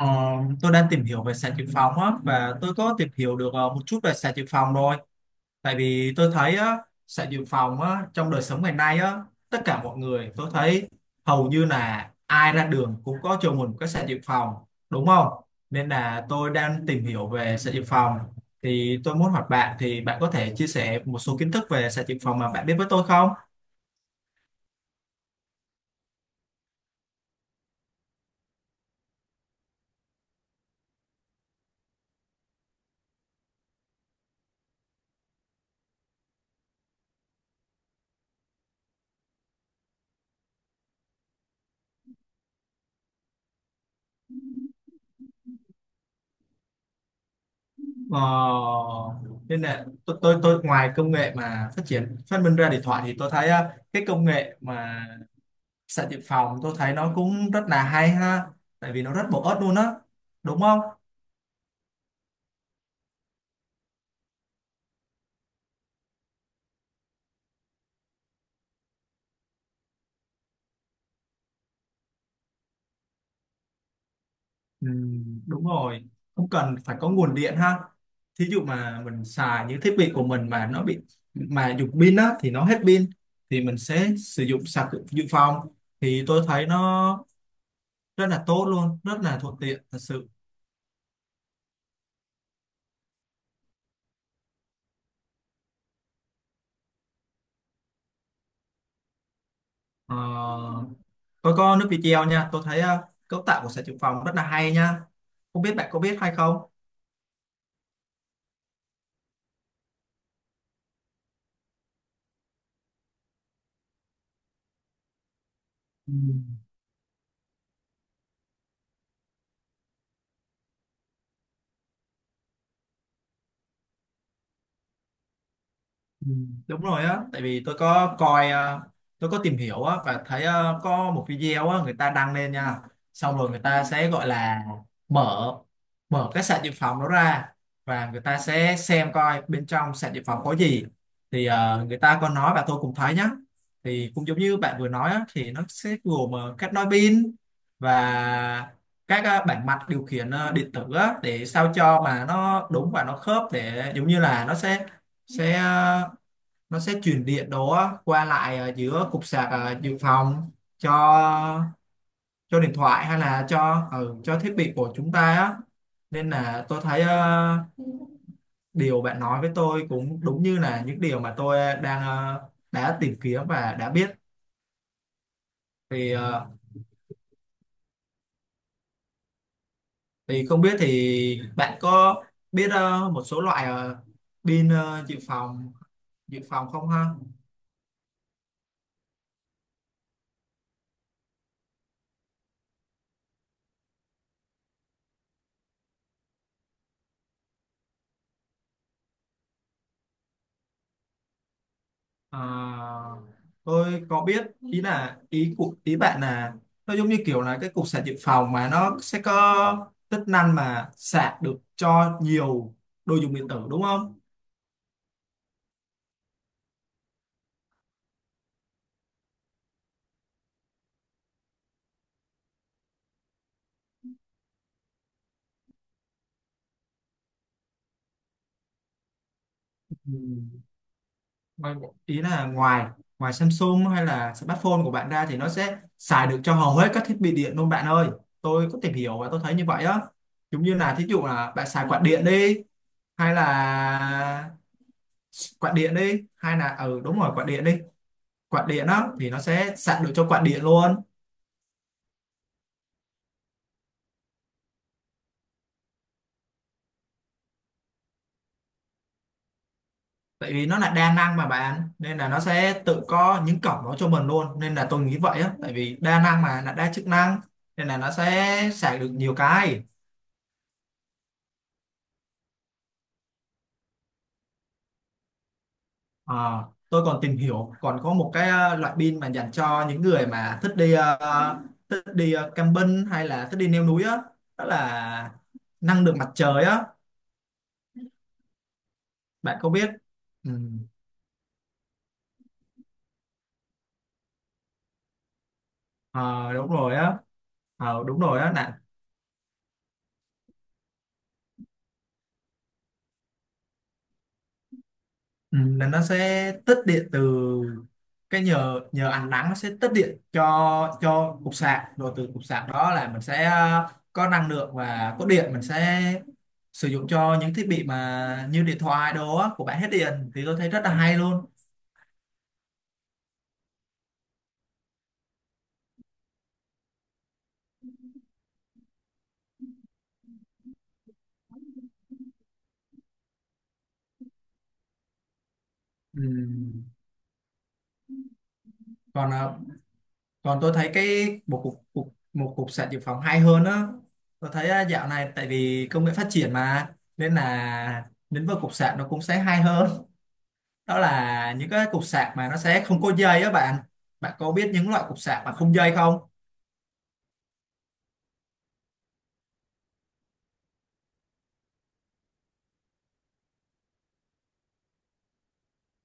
Ờ, tôi đang tìm hiểu về sạc dự phòng á và tôi có tìm hiểu được một chút về sạc dự phòng rồi. Tại vì tôi thấy á, sạc dự phòng á, trong đời sống ngày nay á, tất cả mọi người tôi thấy hầu như là ai ra đường cũng có cho mình một cái sạc dự phòng, đúng không? Nên là tôi đang tìm hiểu về sạc dự phòng. Thì tôi muốn hỏi bạn thì bạn có thể chia sẻ một số kiến thức về sạc dự phòng mà bạn biết với tôi không? Ờ, nên là tôi ngoài công nghệ mà phát triển phát minh ra điện thoại thì tôi thấy á, cái công nghệ mà sạc dự phòng tôi thấy nó cũng rất là hay ha, tại vì nó rất bổ ích luôn á, đúng không? Ừ, đúng rồi, không cần phải có nguồn điện ha. Thí dụ mà mình xài những thiết bị của mình mà nó bị, mà dùng pin á thì nó hết pin thì mình sẽ sử dụng sạc dự dự phòng thì tôi thấy nó rất là tốt luôn, rất là thuận tiện thật sự. Ờ, tôi có nước video nha, tôi thấy cấu tạo của sạc dự phòng rất là hay nha, không biết bạn có biết hay không. Ừ. Ừ, đúng rồi á, tại vì tôi có coi tôi có tìm hiểu á và thấy có một video á người ta đăng lên nha, xong rồi người ta sẽ gọi là mở mở cái sạc dự phòng đó ra, và người ta sẽ xem coi bên trong sạc dự phòng có gì. Thì người ta có nói và tôi cũng thấy nhá, thì cũng giống như bạn vừa nói á, thì nó sẽ gồm các nối pin và các bảng mạch điều khiển điện tử á, để sao cho mà nó đúng và nó khớp, để giống như là nó sẽ nó sẽ truyền điện đó qua lại giữa cục sạc dự phòng cho cho điện thoại hay là cho ừ, cho thiết bị của chúng ta á. Nên là tôi thấy điều bạn nói với tôi cũng đúng như là những điều mà tôi đang đã tìm kiếm và đã biết. Thì ờ, thì không biết thì bạn có biết một số loại pin dự phòng không ha? À, tôi có biết. Ý của bạn là nó giống như kiểu là cái cục sạc dự phòng mà nó sẽ có tính năng mà sạc được cho nhiều đồ dùng điện tử, đúng không? Ừ. Ngoài- Ý là ngoài ngoài Samsung hay là smartphone của bạn ra thì nó sẽ xài được cho hầu hết các thiết bị điện luôn bạn ơi. Tôi có tìm hiểu và tôi thấy như vậy á. Giống như là thí dụ là bạn xài quạt điện đi, hay là quạt điện đi hay là ừ đúng rồi quạt điện đi. Quạt điện á thì nó sẽ sạc được cho quạt điện luôn, tại vì nó là đa năng mà bạn, nên là nó sẽ tự có những cổng đó cho mình luôn, nên là tôi nghĩ vậy á. Tại vì đa năng mà, là đa chức năng, nên là nó sẽ sạc được nhiều cái. Ờ, tôi còn tìm hiểu còn có một cái loại pin mà dành cho những người mà thích đi thích đi camping hay là thích đi leo núi á. Đó là năng lượng mặt trời á, bạn có biết? Ừ. Ờ, đúng rồi á. Ờ, đúng rồi á, là ừ, là nó sẽ tích điện từ cái nhờ nhờ ánh nắng, nó sẽ tích điện cho cục sạc, rồi từ cục sạc đó là mình sẽ có năng lượng và có điện, mình sẽ sử dụng cho những thiết bị mà như điện thoại đồ á của bạn hết điện, thì tôi thấy rất là hay luôn. Ừ. còn ờ, còn tôi thấy cái một cục sạc dự phòng hay hơn á. Tôi thấy dạo này tại vì công nghệ phát triển mà, nên là lĩnh vực cục sạc nó cũng sẽ hay hơn. Đó là những cái cục sạc mà nó sẽ không có dây á bạn. Bạn có biết những loại cục sạc mà không dây không?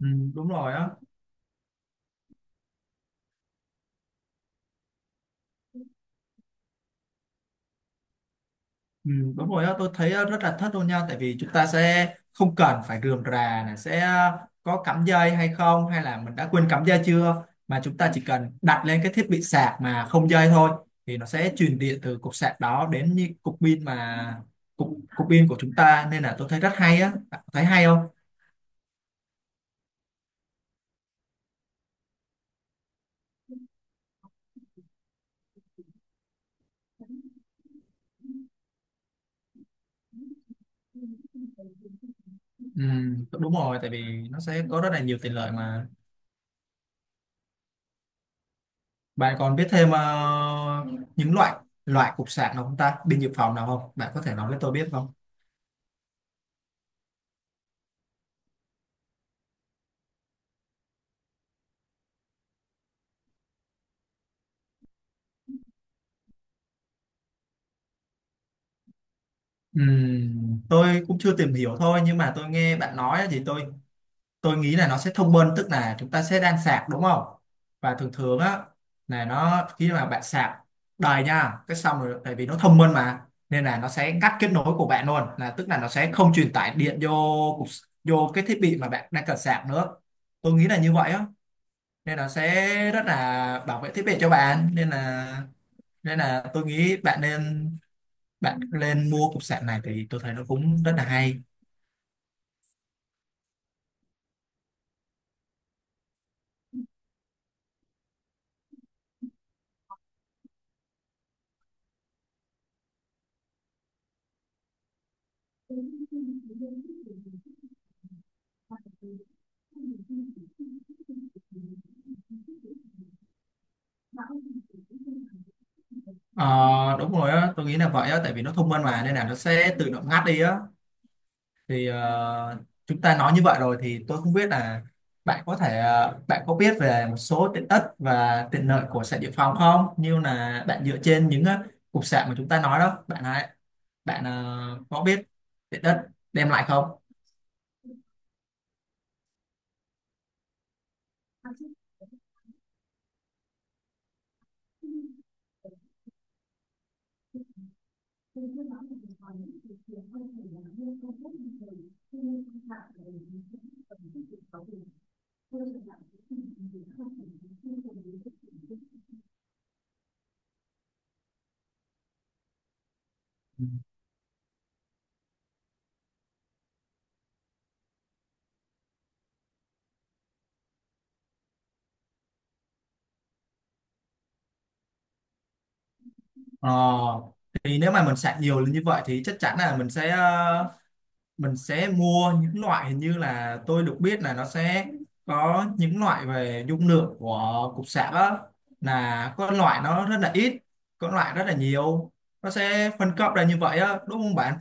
Ừ, đúng rồi á. Ừ, đúng rồi á, tôi thấy á, rất là thích luôn nha, tại vì chúng ta sẽ không cần phải rườm rà là sẽ có cắm dây hay không, hay là mình đã quên cắm dây chưa, mà chúng ta chỉ cần đặt lên cái thiết bị sạc mà không dây thôi, thì nó sẽ truyền điện từ cục sạc đó đến như cục cục pin của chúng ta, nên là tôi thấy rất hay á. Bạn thấy hay không? Ừ, đúng rồi, tại vì nó sẽ có rất là nhiều tiện lợi mà. Bạn còn biết thêm những loại loại cục sạc nào không ta? Pin dự phòng nào không? Bạn có thể nói với tôi biết không? Tôi cũng chưa tìm hiểu thôi, nhưng mà tôi nghe bạn nói thì tôi nghĩ là nó sẽ thông minh, tức là chúng ta sẽ đan sạc, đúng không? Và thường thường á là nó khi mà bạn sạc đầy nha, cái xong rồi tại vì nó thông minh mà, nên là nó sẽ ngắt kết nối của bạn luôn, là tức là nó sẽ không truyền tải điện vô cái thiết bị mà bạn đang cần sạc nữa. Tôi nghĩ là như vậy á. Nên nó sẽ rất là bảo vệ thiết bị cho bạn, nên là tôi nghĩ bạn nên mua cục sạc này, thì tôi thấy nó cũng rất là hay. Ờ, đúng rồi á, tôi nghĩ là vậy á, tại vì nó thông minh mà nên là nó sẽ tự động ngắt đi á. thì ờ, Chúng ta nói như vậy rồi thì tôi không biết là bạn có biết về một số tiện ích và tiện lợi của sạc dự phòng không, như là bạn dựa trên những cục sạc mà chúng ta nói đó, bạn hãy bạn ờ, có biết tiện ích đem lại không? Ờ, thì nếu mà mình sạc nhiều lên như vậy thì chắc chắn là mình sẽ mua những loại, hình như là tôi được biết là nó sẽ có những loại về dung lượng của cục sạc á, là có loại nó rất là ít, có loại rất là nhiều. Nó sẽ phân cấp ra như vậy á, đúng không bạn?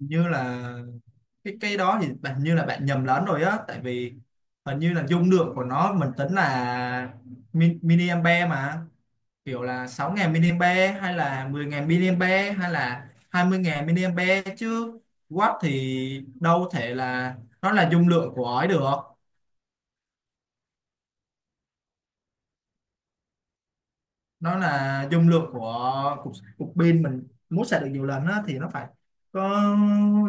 Hình như là cái đó thì bạn như là bạn nhầm lẫn rồi á, tại vì hình như là dung lượng của nó mình tính là mili mà, kiểu là 6000 mAh hay là 10000 mAh hay là 20000 mAh chứ. Watt thì đâu thể là nó là dung lượng của ấy được. Nó là dung lượng của cục pin, mình muốn sạc được nhiều lần á thì nó phải có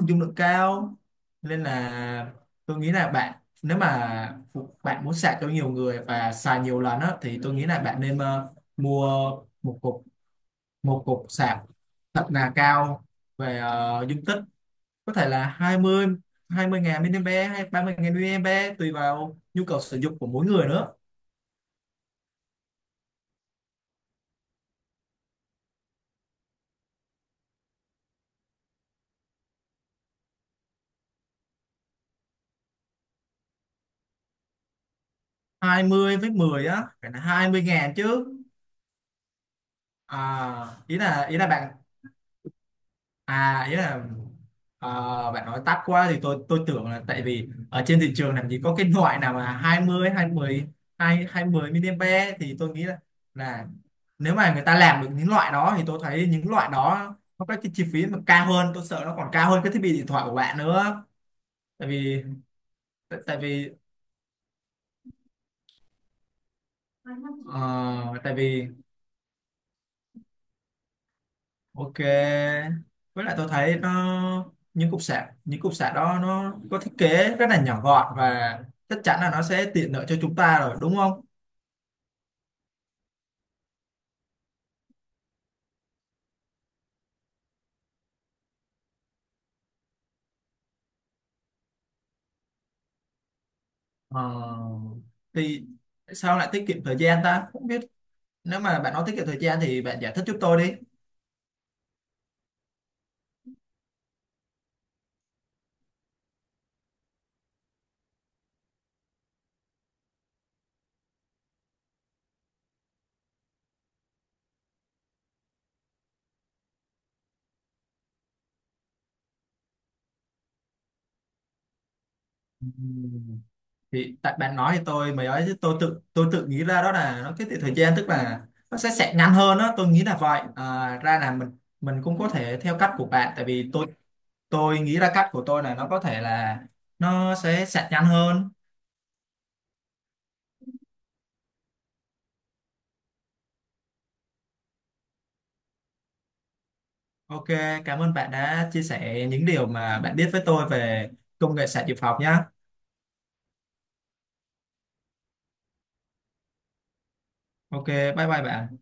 dung lượng cao. Nên là tôi nghĩ là bạn, nếu mà bạn muốn sạc cho nhiều người và xài nhiều lần á, thì tôi nghĩ là bạn nên mua một cục một cục sạc thật là cao về dung tích, có thể là 20000 mini hay 30000 mini, tùy vào nhu cầu sử dụng của mỗi người nữa. Hai mươi với 10 á, phải là 20 ngàn chứ. À, ý là bạn à ý là à, bạn nói tắt quá thì tôi tưởng là, tại vì ở trên thị trường làm gì có cái loại nào mà hai mươi be. Thì tôi nghĩ là nếu mà người ta làm được những loại đó, thì tôi thấy những loại đó nó có cái chi phí mà cao hơn, tôi sợ nó còn cao hơn cái thiết bị điện thoại của bạn nữa, tại vì Tại tại vì ờ, tại vì ok. Với lại tôi thấy nó, những cục sạc đó nó có thiết kế rất là nhỏ gọn, và chắc chắn là nó sẽ tiện lợi cho chúng ta rồi, đúng không? Ờ, thì sao lại tiết kiệm thời gian ta? Không biết, nếu mà bạn nói tiết kiệm thời gian thì bạn giải thích giúp tôi đi. Ừ. Thì tại bạn nói thì tôi mới nói, chứ tôi tự, tôi nghĩ ra đó là nó tiết kiệm thời gian, tức là nó sẽ ngắn hơn đó, tôi nghĩ là vậy. À, ra là mình cũng có thể theo cách của bạn. Tại vì tôi nghĩ ra cách của tôi là nó có thể là nó sẽ sạch nhanh hơn. Ok, cảm ơn bạn đã chia sẻ những điều mà bạn biết với tôi về công nghệ sạc dự phòng nhá. Ok, bye bye bạn.